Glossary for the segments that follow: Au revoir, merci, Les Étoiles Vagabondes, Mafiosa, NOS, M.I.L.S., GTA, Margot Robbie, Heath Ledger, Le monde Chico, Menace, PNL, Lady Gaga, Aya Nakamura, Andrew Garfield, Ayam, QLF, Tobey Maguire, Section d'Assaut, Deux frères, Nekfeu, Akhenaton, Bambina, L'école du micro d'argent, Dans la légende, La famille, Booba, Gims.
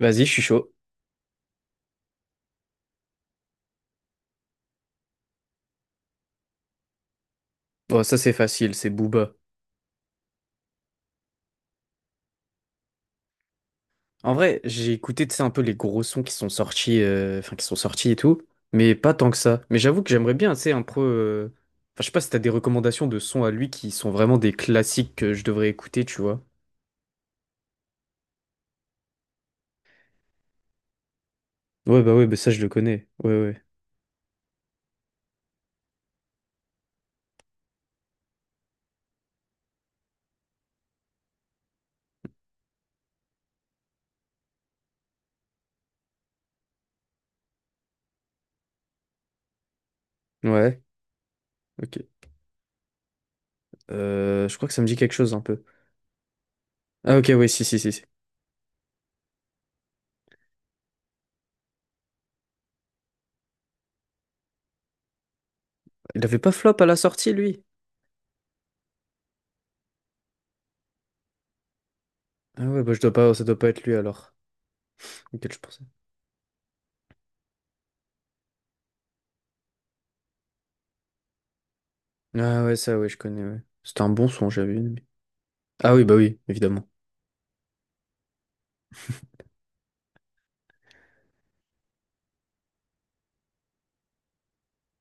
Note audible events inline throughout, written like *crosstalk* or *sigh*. Vas-y, je suis chaud. Bon, ça c'est facile, c'est Booba. En vrai, j'ai écouté, tu sais, un peu les gros sons qui sont sortis, enfin qui sont sortis et tout, mais pas tant que ça. Mais j'avoue que j'aimerais bien, tu sais, un peu. Enfin, je sais pas si t'as des recommandations de sons à lui qui sont vraiment des classiques que je devrais écouter, tu vois. Ouais, bah ça je le connais. Ouais, ouais. Ouais, ok. Je crois que ça me dit quelque chose un peu. Ah ok, ouais, si, si, si, si. Il avait pas flop à la sortie, lui? Ah ouais, bah je dois pas, ça doit pas être lui alors. Auquel je pensais. Ah ouais, ça ouais, je connais, ouais. C'était un bon son, j'avais. Ah oui, bah oui, évidemment.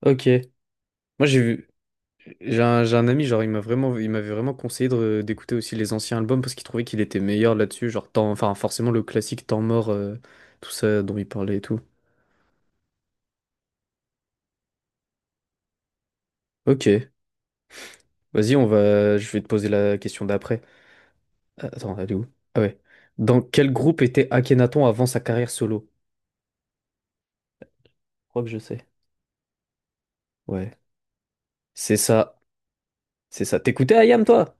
Ok. Moi, j'ai vu, j'ai un ami, genre, il m'avait vraiment conseillé de- d'écouter aussi les anciens albums parce qu'il trouvait qu'il était meilleur là-dessus, genre, temps, enfin, forcément, le classique Temps mort, tout ça dont il parlait et tout. Ok. Je vais te poser la question d'après. Attends, elle est où? Ah ouais. Dans quel groupe était Akhenaton avant sa carrière solo? Je crois que je sais. Ouais. C'est ça. C'est ça. T'écoutais Ayam toi?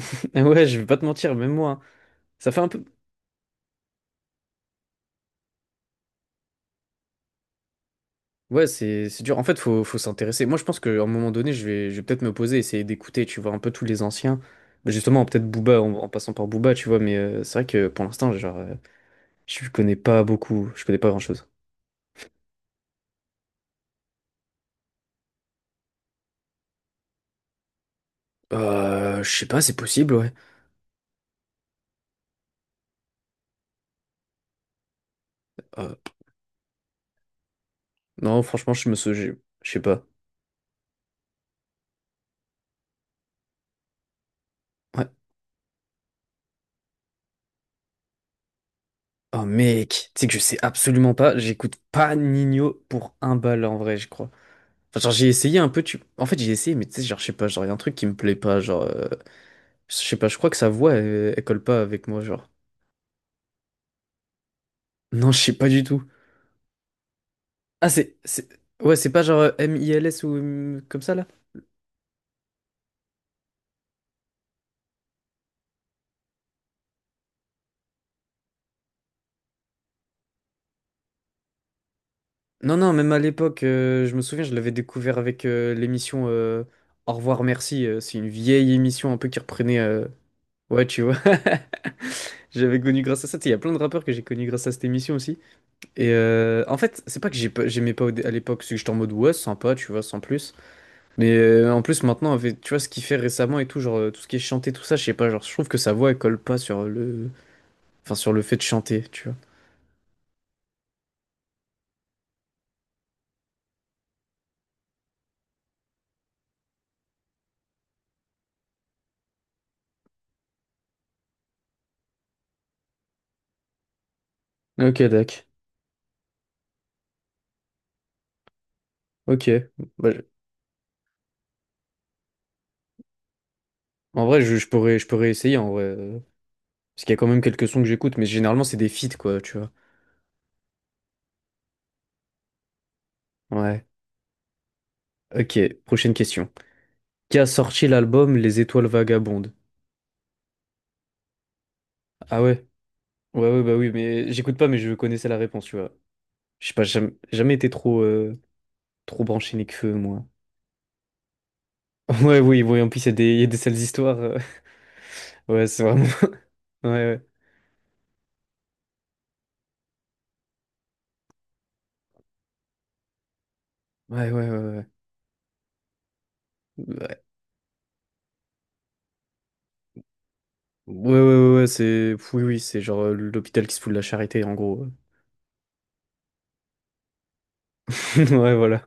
*laughs* Ouais, je vais pas te mentir, même moi. Hein. Ça fait un peu. Ouais, c'est dur. En fait, faut s'intéresser. Moi, je pense qu'à un moment donné, je vais peut-être me poser, essayer d'écouter, tu vois, un peu tous les anciens. Bah, justement, peut-être Booba en passant par Booba, tu vois. Mais c'est vrai que pour l'instant, genre, je connais pas beaucoup. Je connais pas grand-chose. Je sais pas, c'est possible, ouais. Euh, non, franchement, je sais pas. Ouais. Oh mec, tu sais que je sais absolument pas. J'écoute pas Nino pour un bal en vrai, je crois. Enfin, genre, j'ai essayé un peu. Tu... En fait, j'ai essayé, mais tu sais, genre, je sais pas. Genre, y a un truc qui me plaît pas, genre. Je sais pas, je crois que sa voix, elle colle pas avec moi, genre. Non, je sais pas du tout. Ah, c'est- Ouais, c'est pas genre M.I.L.S. ou comme ça, là? Non, non, même à l'époque, je me souviens, je l'avais découvert avec l'émission Au revoir, merci. C'est une vieille émission un peu qui reprenait... ouais, tu vois. *laughs* J'avais connu grâce à ça. Tu sais, il y a plein de rappeurs que j'ai connus grâce à cette émission aussi. Et en fait, c'est pas que j'ai pas- j'aimais pas au dé- à l'époque, c'est que j'étais en mode ouais, sympa, tu vois, sans plus. Mais en plus maintenant avec tu vois ce qu'il fait récemment et tout genre tout ce qui est chanté tout ça je sais pas genre je trouve que sa voix elle colle pas sur le enfin sur le fait de chanter tu vois. Ok Dak. Ok. Bah, je- en vrai je pourrais essayer en vrai parce qu'il y a quand même quelques sons que j'écoute mais généralement c'est des feats quoi tu vois. Ouais. Ok, prochaine question. Qui a sorti l'album Les Étoiles Vagabondes? Ah ouais. Ouais ouais bah oui mais j'écoute pas mais je connaissais la réponse tu vois. Je sais pas j'ai jamais, jamais été trop trop branché Nekfeu moi. *laughs* Ouais oui oui en plus il y a des sales histoires. Ouais, c'est vraiment. *laughs* Ouais, ouais, ouais, ouais, ouais, ouais, ouais, ouais, ouais, ouais, ouais, c'est, oui, oui, c'est genre l'hôpital qui se fout de la charité, en gros. *laughs* Ouais, voilà.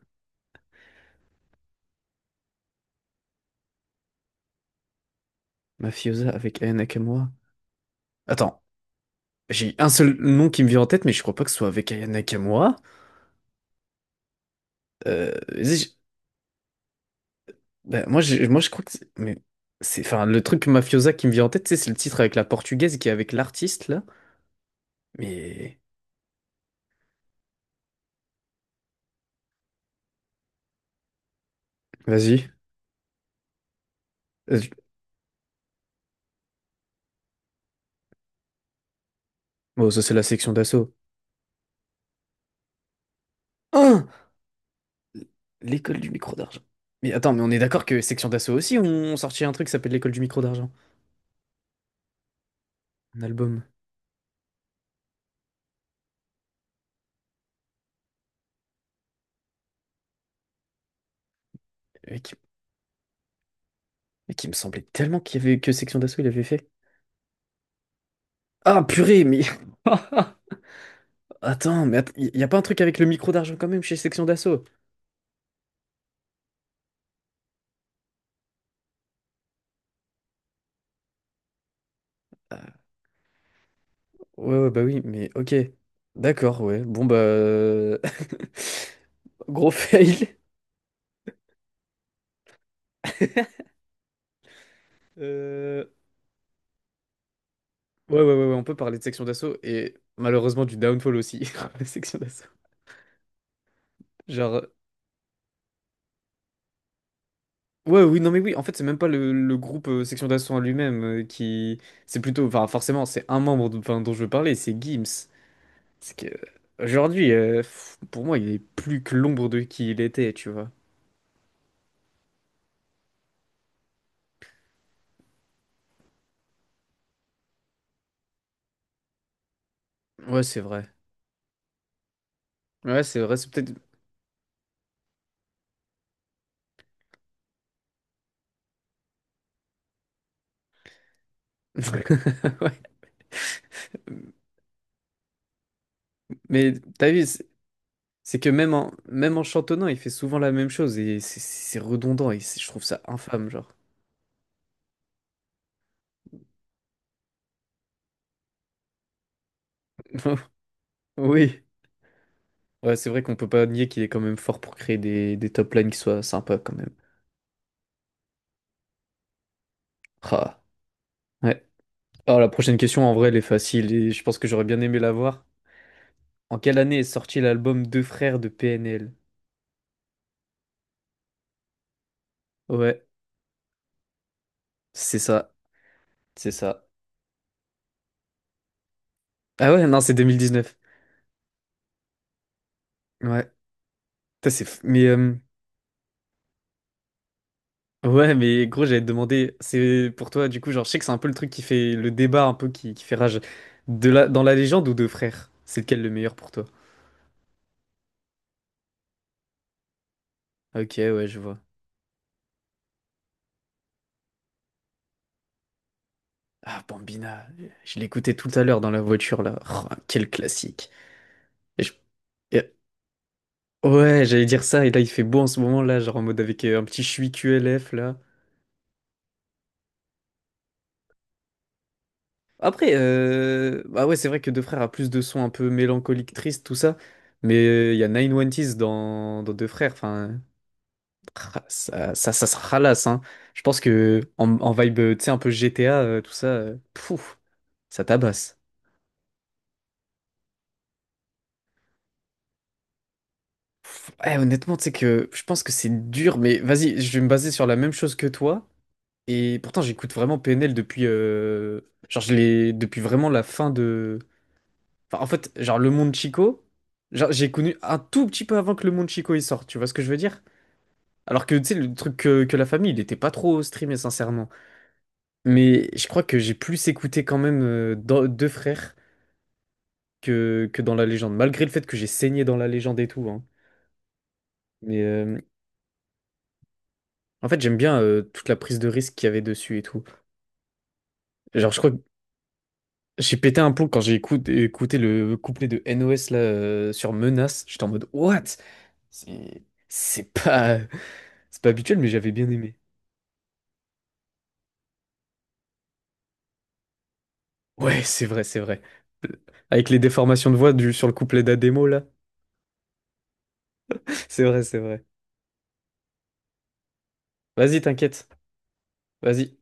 Mafiosa avec Aya Nakamura. Attends, j'ai un seul nom qui me vient en tête, mais je crois pas que ce soit avec Aya Nakamura. Vas-y, je- bah, moi, je crois que, c'est- mais c'est, enfin, le truc Mafiosa qui me vient en tête, tu sais, c'est le titre avec la portugaise qui est avec l'artiste là. Mais vas-y. Je- Bon, ça c'est la section d'assaut. Hein. L'école du micro d'argent. Mais attends, mais on est d'accord que Section d'Assaut aussi ont sorti un truc qui s'appelle l'école du micro d'argent. Un album. Mais qui, mais qui me semblait tellement qu'il y avait que Section d'Assaut il avait fait. Ah purée, mais. *laughs* Attends, mais att- y a pas un truc avec le micro d'argent quand même chez Section d'Assaut? Ah, ouais, ouais, bah oui, mais ok. D'accord, ouais. Bon bah. *laughs* Gros fail. Euh, Ouais, ouais, ouais, ouais, on peut parler de Section d'Assaut et malheureusement du downfall aussi. *laughs* De Section d'Assaut. Genre. Ouais, oui, non, mais oui, en fait, c'est même pas le groupe Section d'Assaut en lui-même qui. C'est plutôt. Enfin, forcément, c'est un membre dont, enfin, dont je veux parler, c'est Gims. C'est que. Aujourd'hui, pour moi, il est plus que l'ombre de qui il était, tu vois. Ouais, c'est vrai. Ouais, c'est vrai, c'est peut-être. *laughs* Ouais. Mais t'as vu, c'est que même en, même en chantonnant, il fait souvent la même chose et c'est redondant et c'est- je trouve ça infâme, genre. *laughs* Oui. Ouais, c'est vrai qu'on peut pas nier qu'il est quand même fort pour créer des top lines qui soient sympas quand même. Ah. Ouais. Alors, la prochaine question, en vrai, elle est facile et je pense que j'aurais bien aimé la voir. En quelle année est sorti l'album Deux frères de PNL? Ouais, c'est ça, c'est ça. Ah ouais, non, c'est 2019. Ouais, putain, c'est... f- Mais, ouais, mais gros, j'allais te demander, c'est pour toi, du coup, genre, je sais que c'est un peu le truc qui fait le débat, un peu qui fait rage. De la... Dans la légende ou Deux frères? C'est lequel le meilleur pour toi? Ok, ouais, je vois. Ah, Bambina, je l'écoutais tout à l'heure dans la voiture, là. Oh, quel classique. Et je- Ouais, j'allais dire ça, et là il fait beau en ce moment là, genre en mode avec un petit chui QLF là. Après, bah ouais, c'est vrai que Deux Frères a plus de sons un peu mélancoliques, tristes, tout ça, mais il y a 910 dans... dans Deux Frères, enfin, ah, ça se ralasse, hein. Je pense que en vibe, tu sais, un peu GTA, tout ça, pouf, ça tabasse. Ouais, honnêtement, tu sais que je pense que c'est dur, mais vas-y, je vais me baser sur la même chose que toi. Et pourtant, j'écoute vraiment PNL depuis, genre, je l'ai depuis vraiment la fin de, enfin, en fait, genre le monde Chico, genre j'ai connu un tout petit peu avant que le monde Chico il sorte, tu vois ce que je veux dire? Alors que tu sais, le truc que la famille, il était pas trop streamé sincèrement. Mais je crois que j'ai plus écouté quand même dans- deux frères que dans la légende, malgré le fait que j'ai saigné dans la légende et tout, hein. Mais en fait, j'aime bien toute la prise de risque qu'il y avait dessus et tout. Genre, je crois que j'ai pété un plomb quand j'ai écout- écouté le couplet de NOS là sur Menace, j'étais en mode What? C'est c'est pas. C'est pas habituel, mais j'avais bien aimé. Ouais, *laughs* c'est vrai, c'est vrai. Euh, Avec les déformations de voix du, sur le couplet d'Ademo, là. *laughs* C'est vrai, c'est vrai. Vas-y, t'inquiète. Vas-y.